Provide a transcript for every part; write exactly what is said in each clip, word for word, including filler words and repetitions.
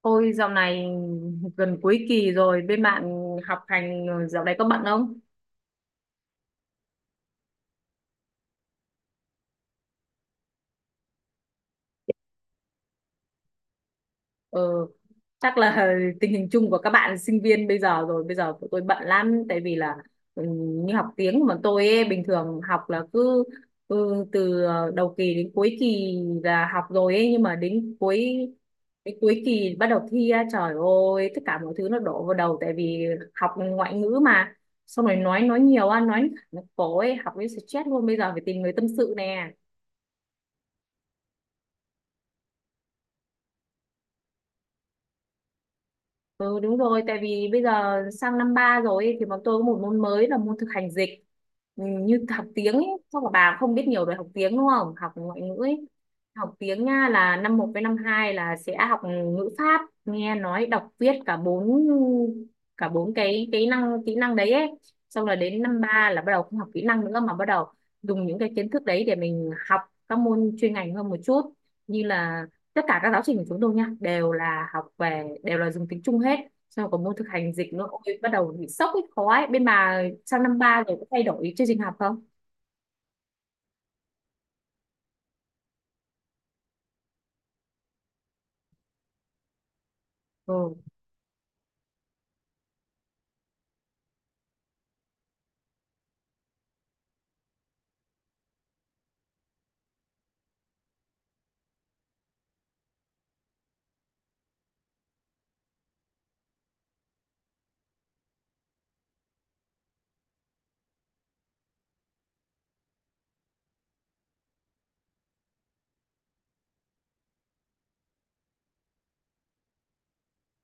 Ôi dạo này gần cuối kỳ rồi, bên bạn học hành ờ, dạo này có bận không? Ừ, chắc là tình hình chung của các bạn sinh viên bây giờ rồi, bây giờ tụi tôi bận lắm tại vì là ừ, như học tiếng mà tôi ấy, bình thường học là cứ ừ, từ ờ, đầu kỳ đến cuối kỳ là học rồi ấy, nhưng mà đến cuối đến cuối kỳ bắt đầu thi á, trời ơi tất cả mọi thứ nó đổ vào đầu tại vì học ngoại ngữ mà. Xong rồi nói nói nhiều á, nói nó cổ ấy, học với stress luôn, bây giờ phải tìm người tâm sự nè. Ừ đúng rồi, tại vì bây giờ sang năm ba rồi ấy, thì bọn tôi có một môn mới là môn thực hành dịch. Ừ, như học tiếng ấy, chắc là bà không biết nhiều về học tiếng đúng không? Học ngoại ngữ ấy. Học tiếng nha là năm một với năm hai là sẽ học ngữ pháp, nghe nói, đọc, viết, cả bốn cả bốn cái cái năng kỹ năng đấy ấy. Xong là đến năm ba là bắt đầu không học kỹ năng nữa mà bắt đầu dùng những cái kiến thức đấy để mình học các môn chuyên ngành hơn một chút. Như là tất cả các giáo trình của chúng tôi nha đều là học về, đều là dùng tiếng Trung hết, xong có môn thực hành dịch nữa, ôi bắt đầu bị sốc ấy, khó ấy. Bên bà sang năm ba rồi có thay đổi chương trình học không? Ừ.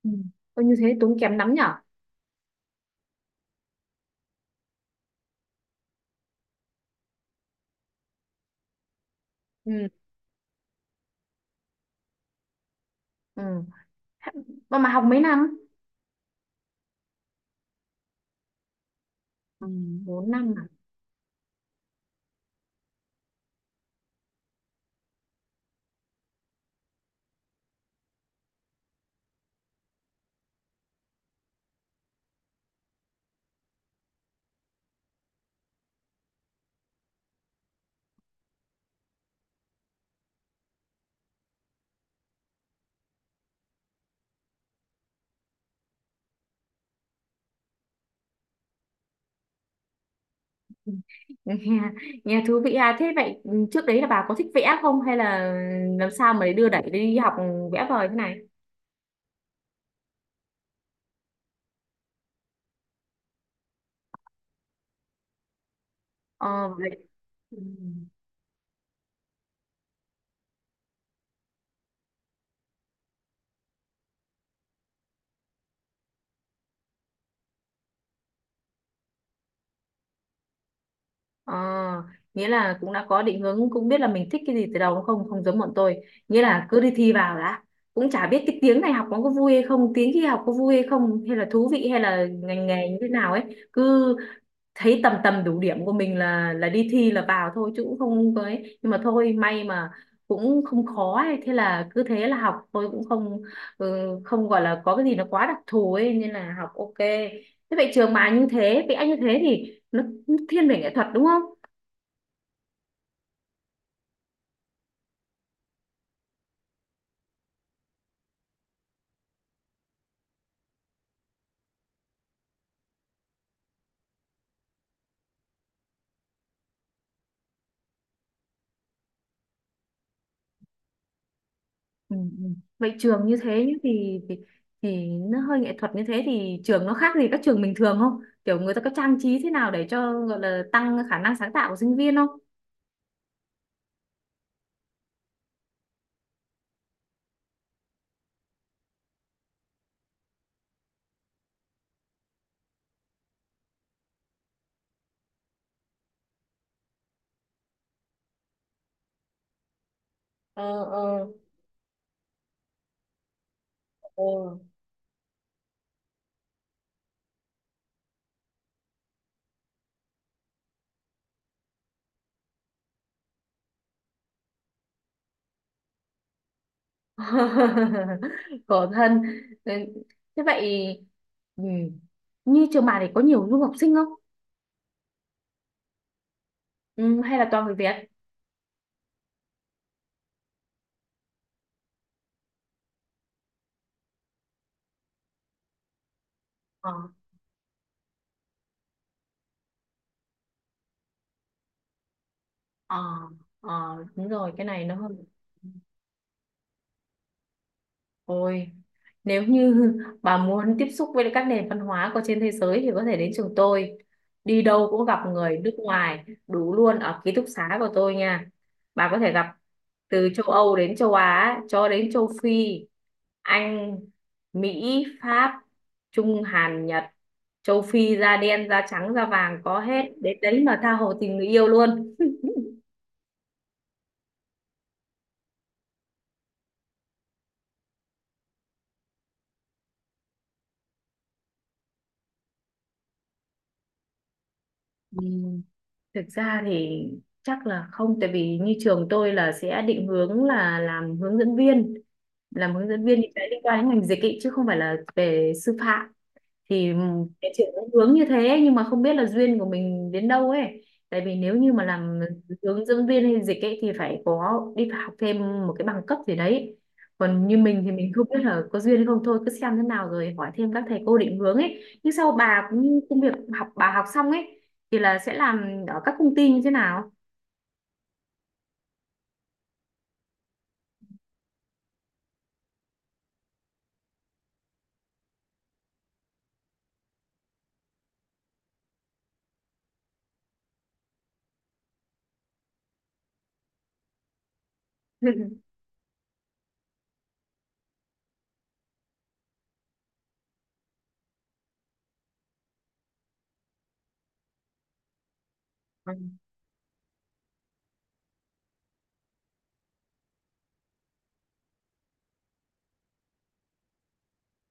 Ừ. Ôi, như thế tốn kém lắm nhở. Ừ. Ừ, mà mà học mấy năm? Ừ. Bốn năm à? Nghe, nghe thú vị à. Thế vậy ừ, trước đấy là bà có thích vẽ không, hay là làm sao mà để đưa đẩy đi học vẽ vời thế này? Ờ vậy. Ừ. Ờ, nghĩa là cũng đã có định hướng, cũng biết là mình thích cái gì từ đầu đúng không, không giống bọn tôi. Nghĩa là cứ đi thi vào đã, cũng chả biết cái tiếng này học nó có vui hay không, tiếng kia học có vui hay không, hay là thú vị, hay là ngành nghề như thế nào ấy. Cứ thấy tầm tầm đủ điểm của mình là là đi thi là vào thôi, chứ cũng không có ấy. Nhưng mà thôi, may mà cũng không khó ấy, thế là cứ thế là học, tôi cũng không ừ, không gọi là có cái gì nó quá đặc thù ấy, nên là học ok. Thế vậy trường bà như thế, vậy anh như thế thì nó thiên về nghệ thuật đúng không? Ừ, ừ. Vậy trường như thế nhá, thì, thì thì nó hơi nghệ thuật như thế, thì trường nó khác gì các trường bình thường không? Kiểu người ta có trang trí thế nào để cho gọi là tăng khả năng sáng tạo của sinh viên không? Ờ. Ờ. Ờ. Khổ thân. Ừ, thế vậy ừ. Như trường bạn thì có nhiều du học sinh không? Ừ, hay là toàn người Việt? Ờ. Ờ. Ờ, đúng rồi, cái này nó hơn. Ôi, nếu như bà muốn tiếp xúc với các nền văn hóa của trên thế giới thì có thể đến trường tôi. Đi đâu cũng gặp người nước ngoài, đủ luôn ở ký túc xá của tôi nha. Bà có thể gặp từ châu Âu đến châu Á, cho đến châu Phi, Anh, Mỹ, Pháp, Trung, Hàn, Nhật, châu Phi da đen, da trắng, da vàng có hết. Đến đấy mà tha hồ tình người yêu luôn. Ừ. Thực ra thì chắc là không, tại vì như trường tôi là sẽ định hướng là làm hướng dẫn viên. Làm hướng dẫn viên thì sẽ liên quan đến ngành dịch ý, chứ không phải là về sư phạm. Thì ừ, cái chuyện nó hướng như thế, nhưng mà không biết là duyên của mình đến đâu ấy, tại vì nếu như mà làm hướng dẫn viên hay dịch ấy thì phải có đi học thêm một cái bằng cấp gì đấy. Còn như mình thì mình không biết là có duyên hay không, thôi cứ xem thế nào rồi hỏi thêm các thầy cô định hướng ấy. Nhưng sau bà cũng như công việc, học bà học xong ấy thì là sẽ làm ở các công ty như thế nào? Ừ.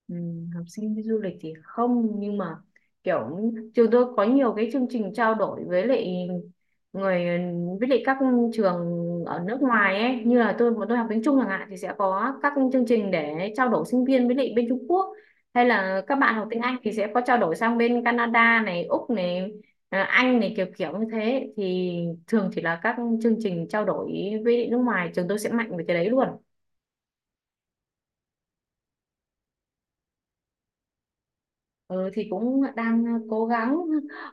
Ừ, học sinh đi du lịch thì không, nhưng mà kiểu trường tôi có nhiều cái chương trình trao đổi với lại người, với lại các trường ở nước ngoài ấy. Như là tôi bọn tôi học tiếng Trung chẳng hạn thì sẽ có các chương trình để trao đổi sinh viên với lại bên Trung Quốc, hay là các bạn học tiếng Anh thì sẽ có trao đổi sang bên Canada này, Úc này, à, Anh này, kiểu kiểu như thế. Thì thường thì là các chương trình trao đổi với nước ngoài, trường tôi sẽ mạnh về cái đấy luôn. Ừ, thì cũng đang ờ, cố gắng,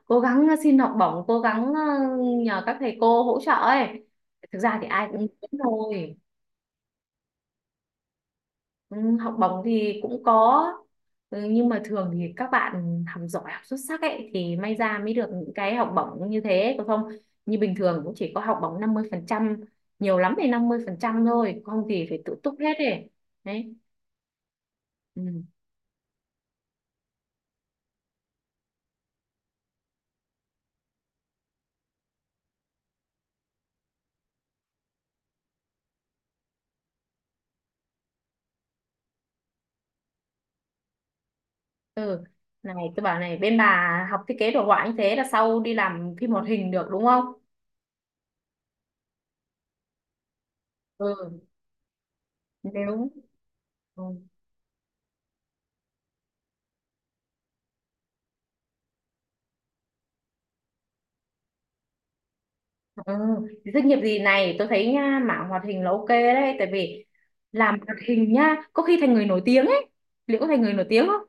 cố gắng ờ, xin học bổng, cố gắng ờ, nhờ các thầy cô hỗ trợ ấy. Thực ra thì ai cũng muốn thôi. Ừ, học bổng thì cũng có. Ừ, nhưng mà thường thì các bạn học giỏi, học xuất sắc ấy thì may ra mới được những cái học bổng như thế. Còn không, như bình thường cũng chỉ có học bổng năm mươi phần trăm, nhiều lắm thì năm mươi phần trăm thôi, không thì phải tự túc hết ấy. Đấy. Ừ. Ừ, này tôi bảo này, bên bà học thiết kế đồ họa như thế là sau đi làm phim hoạt hình được đúng không? Ừ nếu. Ừ. Ừ. Thì doanh nghiệp gì này, tôi thấy nha, mảng hoạt hình là ok đấy, tại vì làm hoạt hình nhá có khi thành người nổi tiếng ấy. Liệu có thành người nổi tiếng không?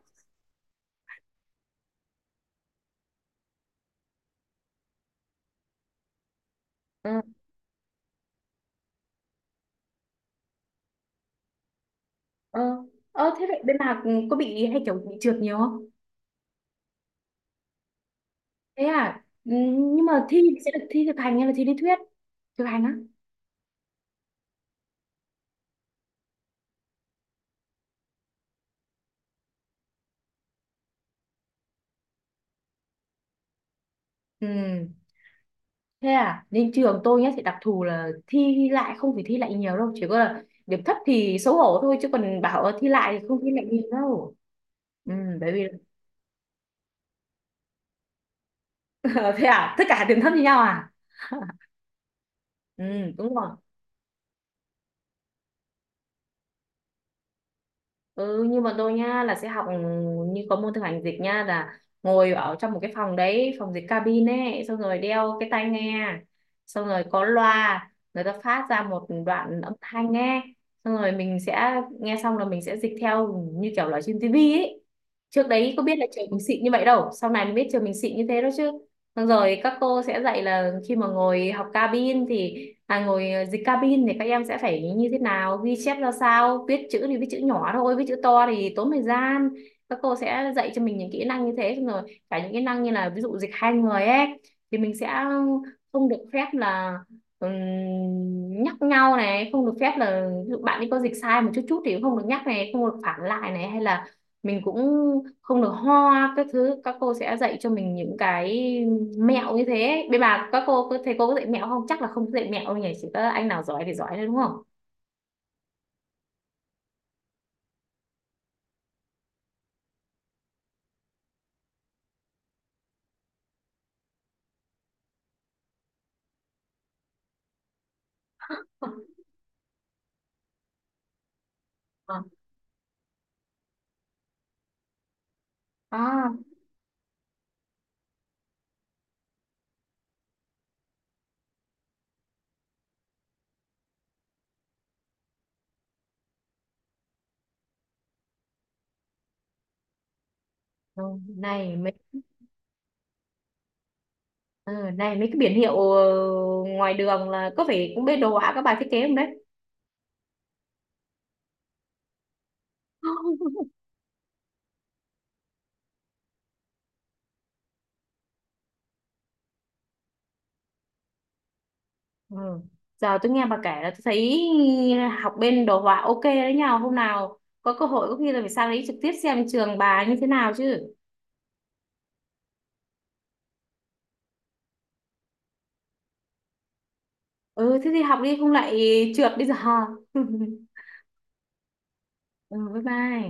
Ừ. Ờ. Ờ, thế vậy bên bà có bị, hay kiểu bị trượt nhiều không? Thế à. Ừ, nhưng mà thi thì sẽ được thi thực hành hay là thi lý thuyết? Thực hành á? Ừ, thế à. Nên trường tôi nhá sẽ đặc thù là thi lại, không phải thi lại nhiều đâu, chỉ có là điểm thấp thì xấu hổ thôi, chứ còn bảo thi lại thì không thi lại nhiều đâu. Ừ, bởi vì ờ, thế à, tất cả điểm thấp như nhau à? Ừ đúng rồi. Ừ như bọn tôi nha là sẽ học ừ, như có môn thực hành dịch nha là ngồi ở trong một cái phòng đấy, phòng dịch cabin ấy, xong rồi đeo cái tai nghe, xong rồi có loa, người ta phát ra một đoạn âm thanh nghe, xong rồi mình sẽ nghe, xong là mình sẽ dịch theo như kiểu là trên tivi ấy. Trước đấy có biết là trường mình xịn như vậy đâu, sau này mới biết trường mình xịn như thế đó chứ. Xong rồi các cô sẽ dạy là khi mà ngồi học cabin thì à, ngồi ờ, dịch cabin thì các em sẽ phải như thế nào, ghi chép ra sao, viết chữ thì viết chữ nhỏ thôi, viết chữ to thì tốn thời gian. Các cô sẽ dạy cho mình những kỹ năng như thế, xong rồi cả những kỹ năng như là ví dụ dịch hai người ấy, thì mình sẽ không được phép là ừm, nhắc nhau này, không được phép là ví dụ bạn ấy có dịch sai một chút chút thì cũng không được nhắc này, không được phản lại này, hay là mình cũng không được ho các thứ. Các cô sẽ dạy cho mình những cái mẹo như thế. Bên bà các cô có- thầy cô có dạy mẹo không? Chắc là không dạy mẹo đâu nhỉ, chỉ có anh nào giỏi thì giỏi thôi đúng không? Ờ. À. Ừ, này mấy. Ừ, này mấy cái biển hiệu ờ, ngoài đường là có phải cũng bên đồ họa các bà thiết kế không đấy? Ừ. Giờ tôi nghe bà kể là tôi thấy học bên đồ họa ok đấy nhờ. Hôm nào có cơ hội có khi là phải sang đấy trực tiếp xem trường bà như thế nào chứ. Ừ, thế thì học đi không lại trượt bây giờ. Ừ, bye bye.